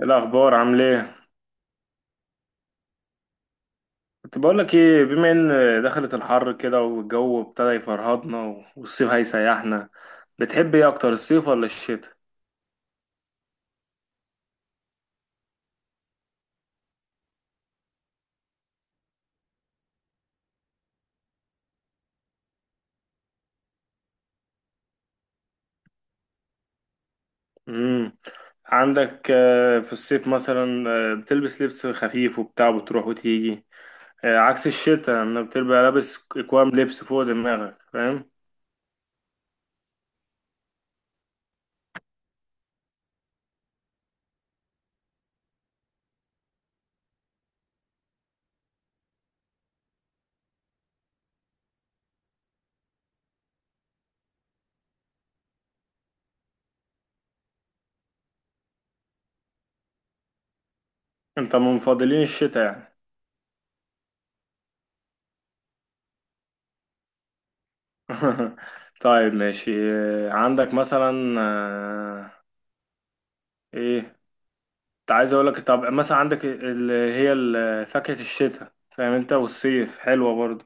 إيه الأخبار، عامل إيه؟ كنت بقول لك إيه، بما إن دخلت الحر كده والجو ابتدى يفرهدنا والصيف هيسيحنا. بتحب إيه أكتر، الصيف ولا الشتاء؟ مم. عندك في الصيف مثلا بتلبس لبس خفيف وبتاع، بتروح وتيجي. عكس الشتاء، إنك بتبقى لابس أكوام لبس فوق دماغك، فاهم؟ أنت من مفضلين الشتاء يعني. طيب ماشي، عندك مثلا إيه؟ عايز اقول لك، طب مثلا عندك اللي هي فاكهة الشتاء، فاهم انت، والصيف حلوة برضو.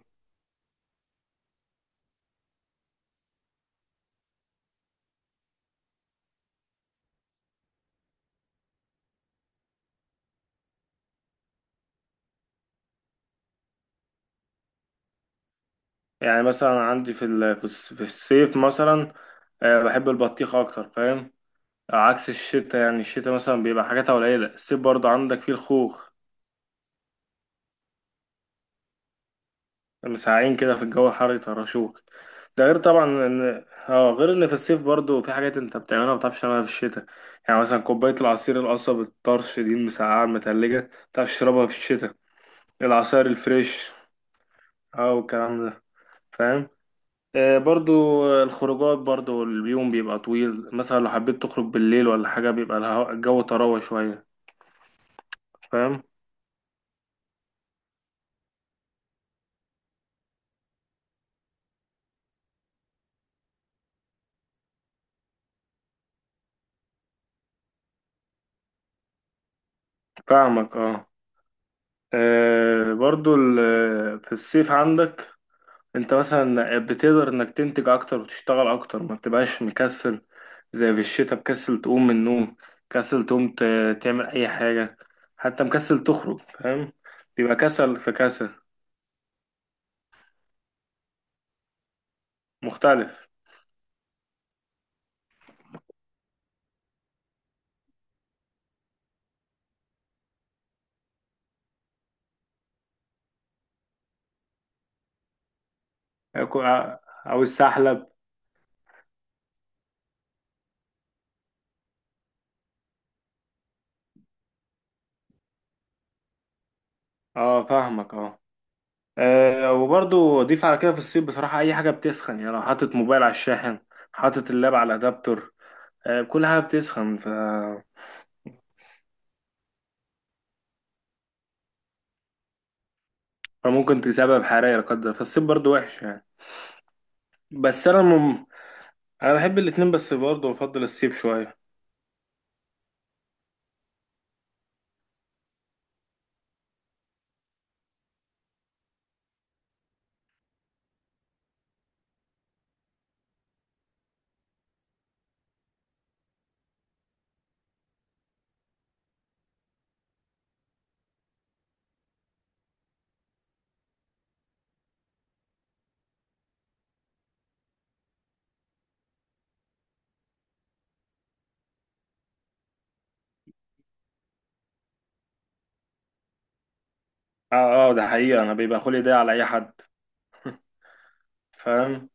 يعني مثلا عندي في الصيف مثلا بحب البطيخ اكتر، فاهم. عكس الشتاء، يعني الشتاء مثلا بيبقى حاجاتها قليلة. الصيف برضو عندك فيه الخوخ، مساعين كده في الجو الحر يطرشوك. ده غير طبعا ان اه، غير ان في الصيف برضو في حاجات انت بتعملها ما بتعرفش تعملها في الشتاء. يعني مثلا كوباية العصير القصب الطرش دي، المسقعة المتلجة، ما بتعرفش تشربها في الشتاء. العصاير الفريش اه والكلام ده، فاهم. آه برضو الخروجات، برضو اليوم بيبقى طويل، مثلا لو حبيت تخرج بالليل ولا حاجة بيبقى الجو طراوة شوية. فاهم. فاهمك اه. في الصيف عندك، انت مثلا بتقدر انك تنتج اكتر وتشتغل اكتر، ما بتبقاش مكسل زي في الشتاء. مكسل تقوم من النوم، مكسل تقوم تعمل اي حاجة، حتى مكسل تخرج، فاهم. بيبقى كسل في كسل. مختلف. او أو السحلب. اه فاهمك اه. وبرضو اضيف على كده، في الصيف بصراحة اي حاجة بتسخن. يعني لو حاطط موبايل على الشاحن، حاطط اللاب على الادابتور، كل حاجة بتسخن ف... فممكن تسبب حرارة لا قدر، فالصيف برضو وحش يعني. بس انا مم... انا بحب الاتنين، بس برضو بفضل الصيف شوية. اه اه، ده حقيقة، انا بيبقى خلقي ضيق على اي حد، فاهم.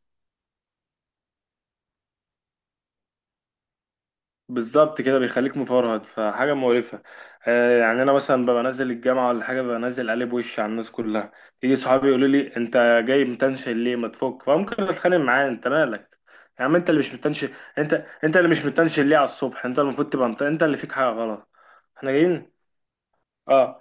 بالظبط كده، بيخليك مفرهد، فحاجة مقرفة. آه يعني أنا مثلا ببقى نازل الجامعة ولا حاجة، ببقى نازل قلب وشي على الناس كلها. يجي صحابي يقولوا لي أنت جاي متنشن ليه، ما تفك، فممكن أتخانق معاه، أنت مالك. يا عم أنت اللي مش متنشن. أنت أنت اللي مش متنشن ليه على الصبح، أنت المفروض تبقى مت... أنت اللي فيك حاجة غلط. إحنا جايين، أه.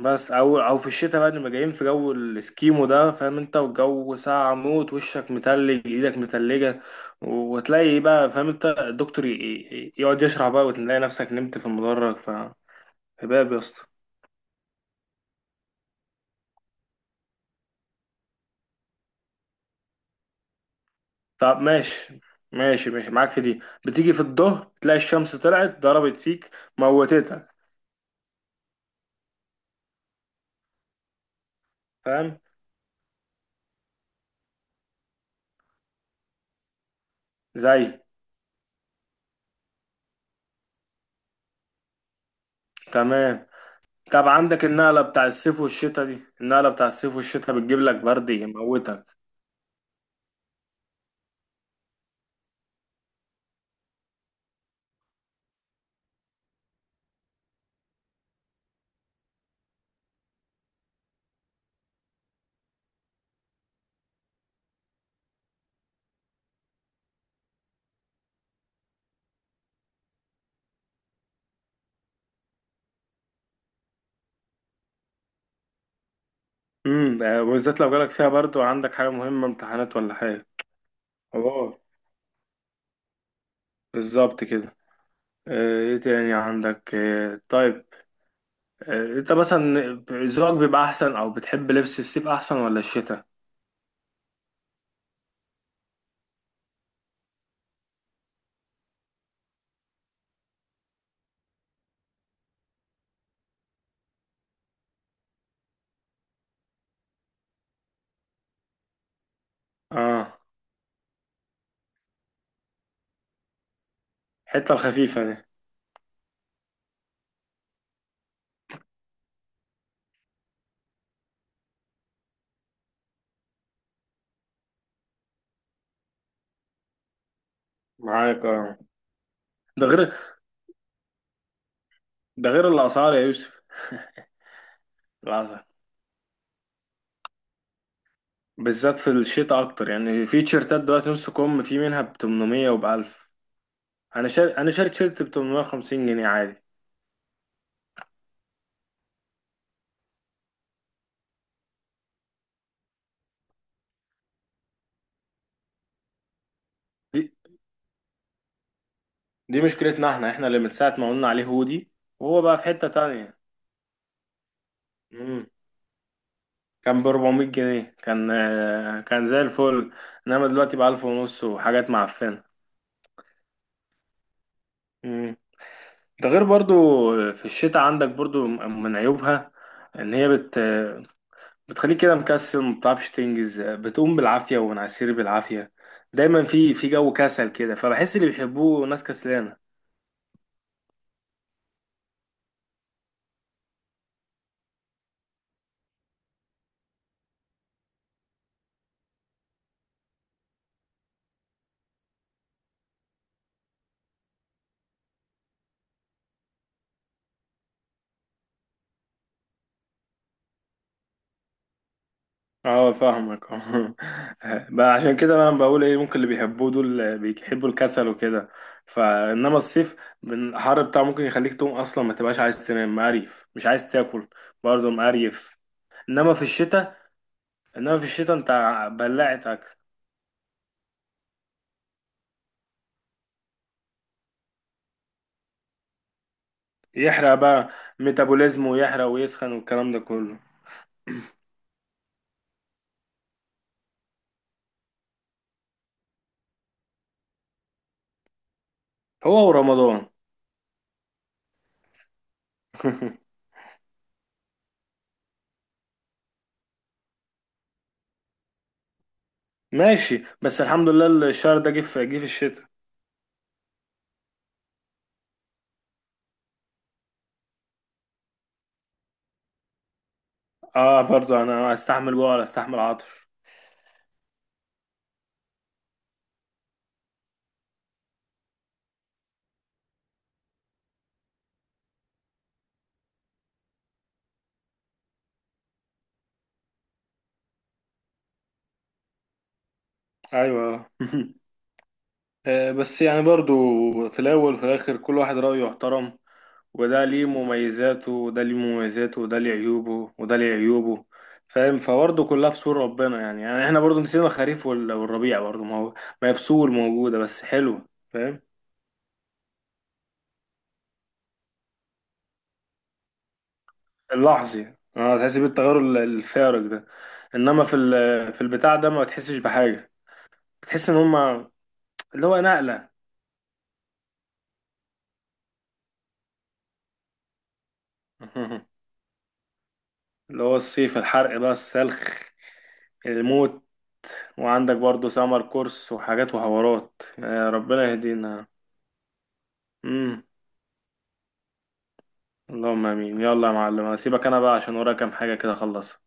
بس او او في الشتاء بقى، نبقى جايين في جو الاسكيمو ده، فاهم انت، والجو ساقع موت، وشك متلج، ايدك متلجه، وتلاقي بقى فاهم انت الدكتور يقعد يشرح بقى، وتلاقي نفسك نمت في المدرج، فهباب. يا اسطى. طب ماشي، ماشي معاك في دي. بتيجي في الظهر تلاقي الشمس طلعت ضربت فيك، موتتك. فاهم. زي. تمام. طب عندك النقله بتاع الصيف والشتاء دي، النقله بتاع الصيف والشتاء بتجيب لك برد يموتك. امم، ده بالذات لو جالك فيها برضو عندك حاجة مهمة، امتحانات ولا حاجة. اه بالظبط كده. ايه تاني عندك، طيب انت مثلا ذوقك بيبقى احسن، او بتحب لبس الصيف احسن ولا الشتاء؟ اه الحتة الخفيفة دي. معاك اه. ده غير ده غير الاسعار يا يوسف، العسل. بالذات في الشتاء اكتر. يعني في تيشيرتات دلوقتي نص كم، في منها ب 800 وب 1000. انا شاري تيشيرت ب 850 جنيه عادي. دي مشكلتنا، احنا اللي من ساعة ما قلنا عليه هودي، وهو بقى في حتة تانية. مم. كان ب 400 جنيه، كان كان زي الفل. انما دلوقتي بقى 1000 ونص وحاجات معفنة. مم. ده غير برضو في الشتاء عندك برضو من عيوبها، ان هي بتخليك كده مكسل، ما بتعرفش تنجز، بتقوم بالعافية ومنعسير بالعافية، دايما في جو كسل كده، فبحس اللي بيحبوه ناس كسلانة. اه فاهمك اه. بقى عشان كده بقى انا بقول ايه، ممكن اللي بيحبوه دول بيحبوا الكسل وكده. فانما الصيف من الحر بتاعه ممكن يخليك تقوم اصلا، ما تبقاش عايز تنام، مقريف، مش عايز تاكل، برضه مقريف. انما في الشتاء انما في الشتاء انت بلعت اكل. يحرق بقى، ميتابوليزم، ويحرق ويسخن والكلام ده كله. هو ورمضان. ماشي، بس الحمد لله الشهر ده جه في الشتاء. اه برضه، انا استحمل جوع ولا استحمل عطش. ايوه. بس يعني برضو، في الأول وفي الآخر كل واحد رأيه يحترم، وده ليه مميزاته وده ليه مميزاته، وده ليه عيوبه وده ليه عيوبه، فاهم. فبرضه كلها في سور ربنا يعني. يعني احنا برضه نسينا الخريف والربيع برضه، ما هو ما هي فصول موجودة بس حلوة، فاهم. اللحظي اه، تحس بالتغير الفارق ده. انما في البتاع ده ما تحسش بحاجة. بتحس ان هما اللي هو نقلة. اللي هو الصيف، الحرق بقى، السلخ، الموت. وعندك برضو سمر كورس وحاجات وحوارات، ربنا يهدينا. امم، اللهم امين. يلا يا معلم، هسيبك انا بقى عشان ورايا كام حاجة كده اخلصها.